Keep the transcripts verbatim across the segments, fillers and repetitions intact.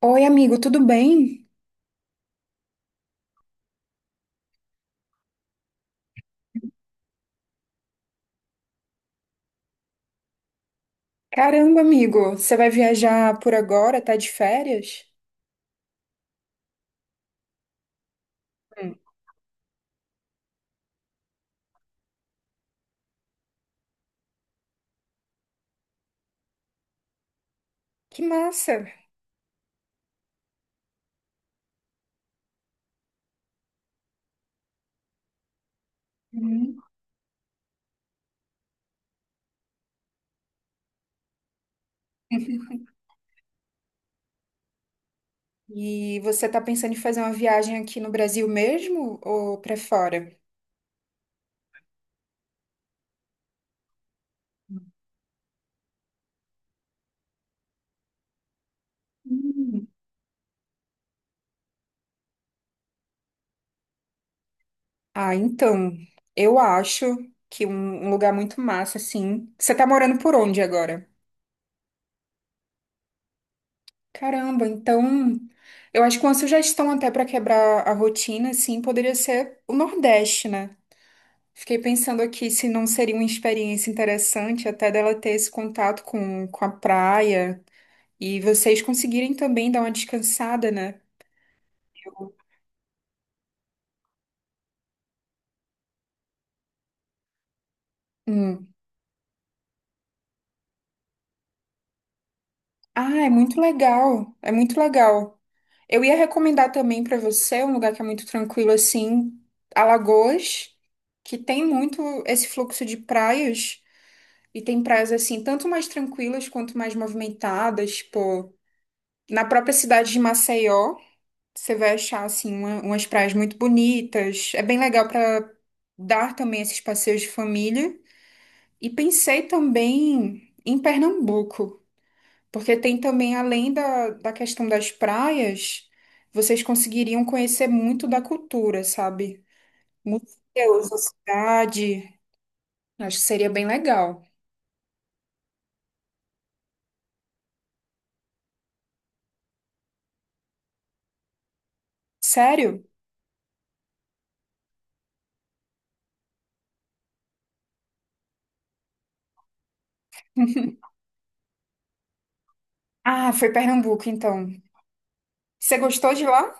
Oi, amigo, tudo bem? Caramba, amigo, você vai viajar por agora? Tá de férias? Hum. Que massa! Uhum. E você tá pensando em fazer uma viagem aqui no Brasil mesmo ou pra fora? Hum. Ah, então, eu acho que um um lugar muito massa, assim. Você tá morando por onde agora? Caramba, então, eu acho que uma sugestão até pra quebrar a rotina, assim, poderia ser o Nordeste, né? Fiquei pensando aqui se não seria uma experiência interessante até dela ter esse contato com, com a praia e vocês conseguirem também dar uma descansada, né? Eu- Hum. Ah, é muito legal. É muito legal. Eu ia recomendar também para você um lugar que é muito tranquilo assim, Alagoas, que tem muito esse fluxo de praias e tem praias assim, tanto mais tranquilas quanto mais movimentadas, tipo, na própria cidade de Maceió. Você vai achar assim uma- umas praias muito bonitas. É bem legal para dar também esses passeios de família. E pensei também em Pernambuco, porque tem também, além da, da questão das praias, vocês conseguiriam conhecer muito da cultura, sabe? Museus, a cidade. Acho que seria bem legal. Sério? Ah, foi Pernambuco, então. Você gostou de lá?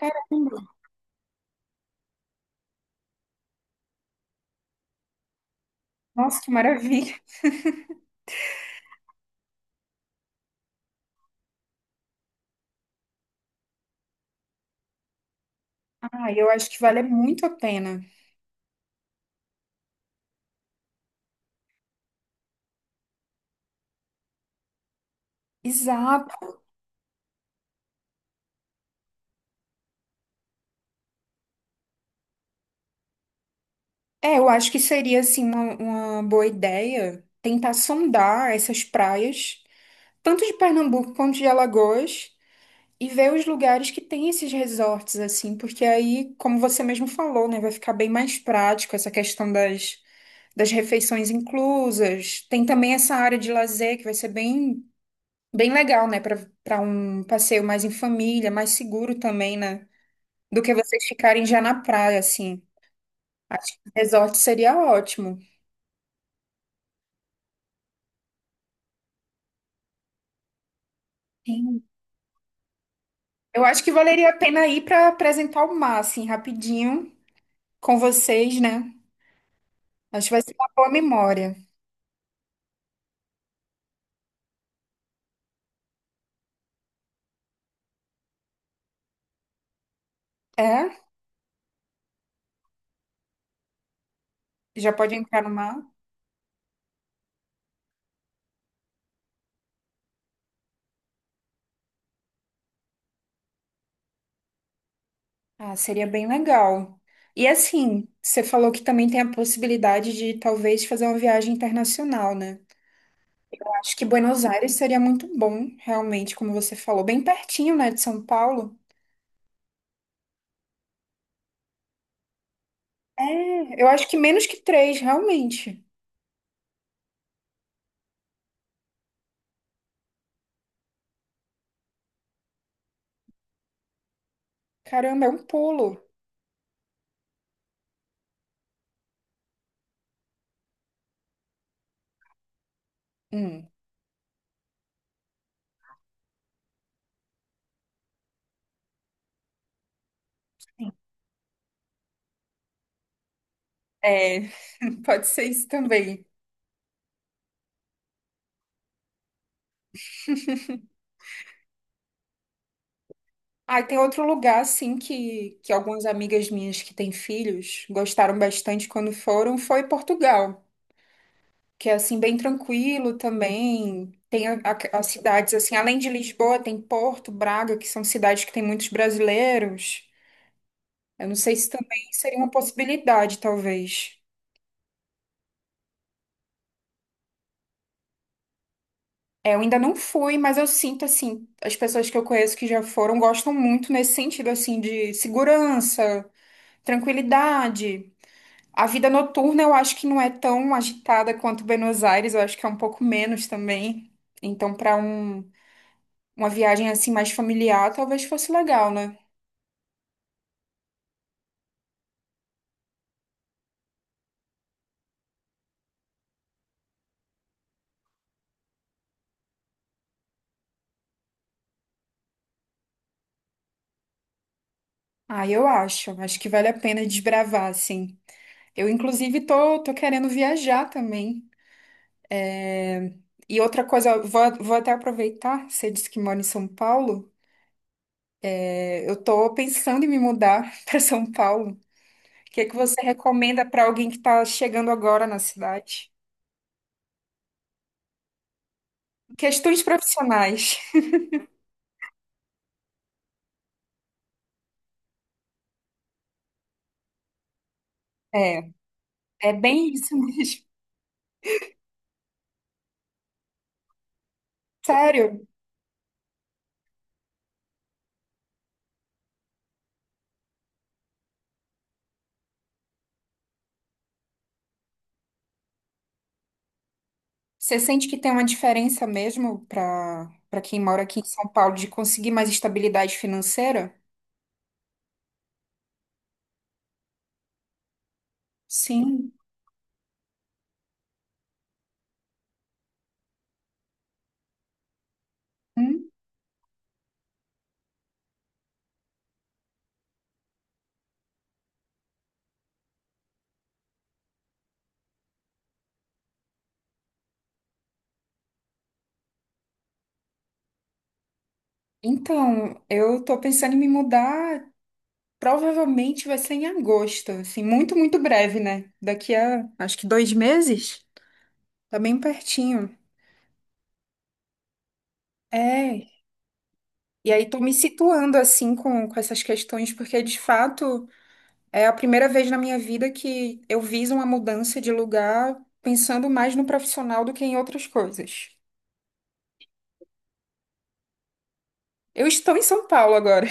Caramba, nossa, que maravilha. Ah, eu acho que vale muito a pena. Exato. É, eu acho que seria assim uma, uma boa ideia tentar sondar essas praias, tanto de Pernambuco quanto de Alagoas, e ver os lugares que tem esses resorts assim, porque aí, como você mesmo falou, né, vai ficar bem mais prático essa questão das, das, refeições inclusas. Tem também essa área de lazer que vai ser bem bem legal, né, para para um passeio mais em família, mais seguro também, né, do que vocês ficarem já na praia assim. Acho que o resort seria ótimo. Eu acho que valeria a pena ir para apresentar o mar, assim, rapidinho, com vocês, né? Acho que vai ser uma boa memória. É? Já pode entrar no mar? Ah, seria bem legal. E assim, você falou que também tem a possibilidade de talvez fazer uma viagem internacional, né? Eu acho que Buenos Aires seria muito bom, realmente, como você falou, bem pertinho, né, de São Paulo. É, eu acho que menos que três, realmente. Caramba, é um pulo. Hum, é, pode ser isso também. Ah, e tem outro lugar, assim, que, que algumas amigas minhas que têm filhos gostaram bastante quando foram, foi Portugal, que é, assim, bem tranquilo também. Tem a- a- as cidades, assim, além de Lisboa, tem Porto, Braga, que são cidades que têm muitos brasileiros. Eu não sei se também seria uma possibilidade, talvez. É, eu ainda não fui, mas eu sinto, assim, as pessoas que eu conheço que já foram gostam muito nesse sentido, assim, de segurança, tranquilidade. A vida noturna eu acho que não é tão agitada quanto Buenos Aires, eu acho que é um pouco menos também. Então, para um, uma viagem assim mais familiar, talvez fosse legal, né? Ah, eu acho. Acho que vale a pena desbravar, assim. Eu, inclusive, tô, tô querendo viajar também. É, e outra coisa, eu vou, vou até aproveitar, você disse que mora em São Paulo. É, eu tô pensando em me mudar para São Paulo. O que é que você recomenda para alguém que está chegando agora na cidade? Questões profissionais. É. É bem isso mesmo. Sério, você sente que tem uma diferença mesmo para para quem mora aqui em São Paulo de conseguir mais estabilidade financeira? Sim. Hum. Então, eu tô pensando em me mudar, provavelmente vai ser em agosto, assim, muito, muito breve, né? Daqui a acho que dois meses, tá bem pertinho. É. E aí tô me situando assim com, com essas questões, porque de fato. É a primeira vez na minha vida que eu viso uma mudança de lugar pensando mais no profissional do que em outras coisas. Eu estou em São Paulo agora.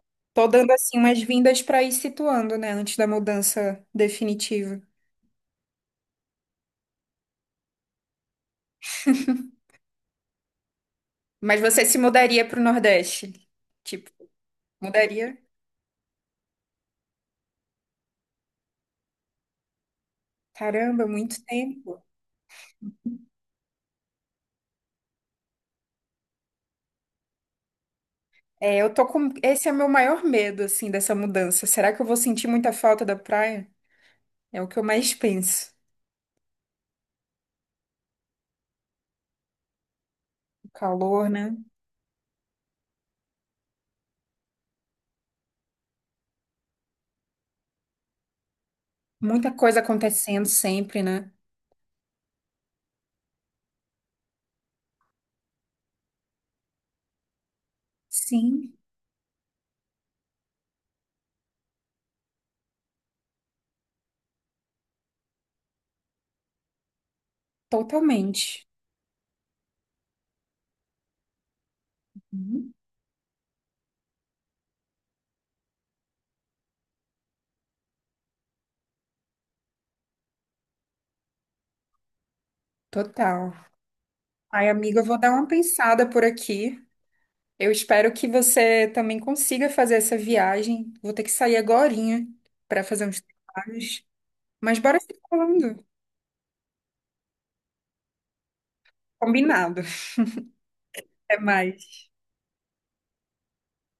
Tô dando assim umas vindas para ir situando, né, antes da mudança definitiva. Mas você se mudaria para o Nordeste? Tipo, mudaria? Caramba, muito tempo. É, eu tô com esse é meu maior medo assim dessa mudança. Será que eu vou sentir muita falta da praia? É o que eu mais penso. O calor, né? Muita coisa acontecendo sempre, né? Sim. Totalmente. Uhum. Total. Ai, amiga, eu vou dar uma pensada por aqui. Eu espero que você também consiga fazer essa viagem. Vou ter que sair agorinha para fazer uns trabalhos. Mas bora se falando. Combinado. Até mais.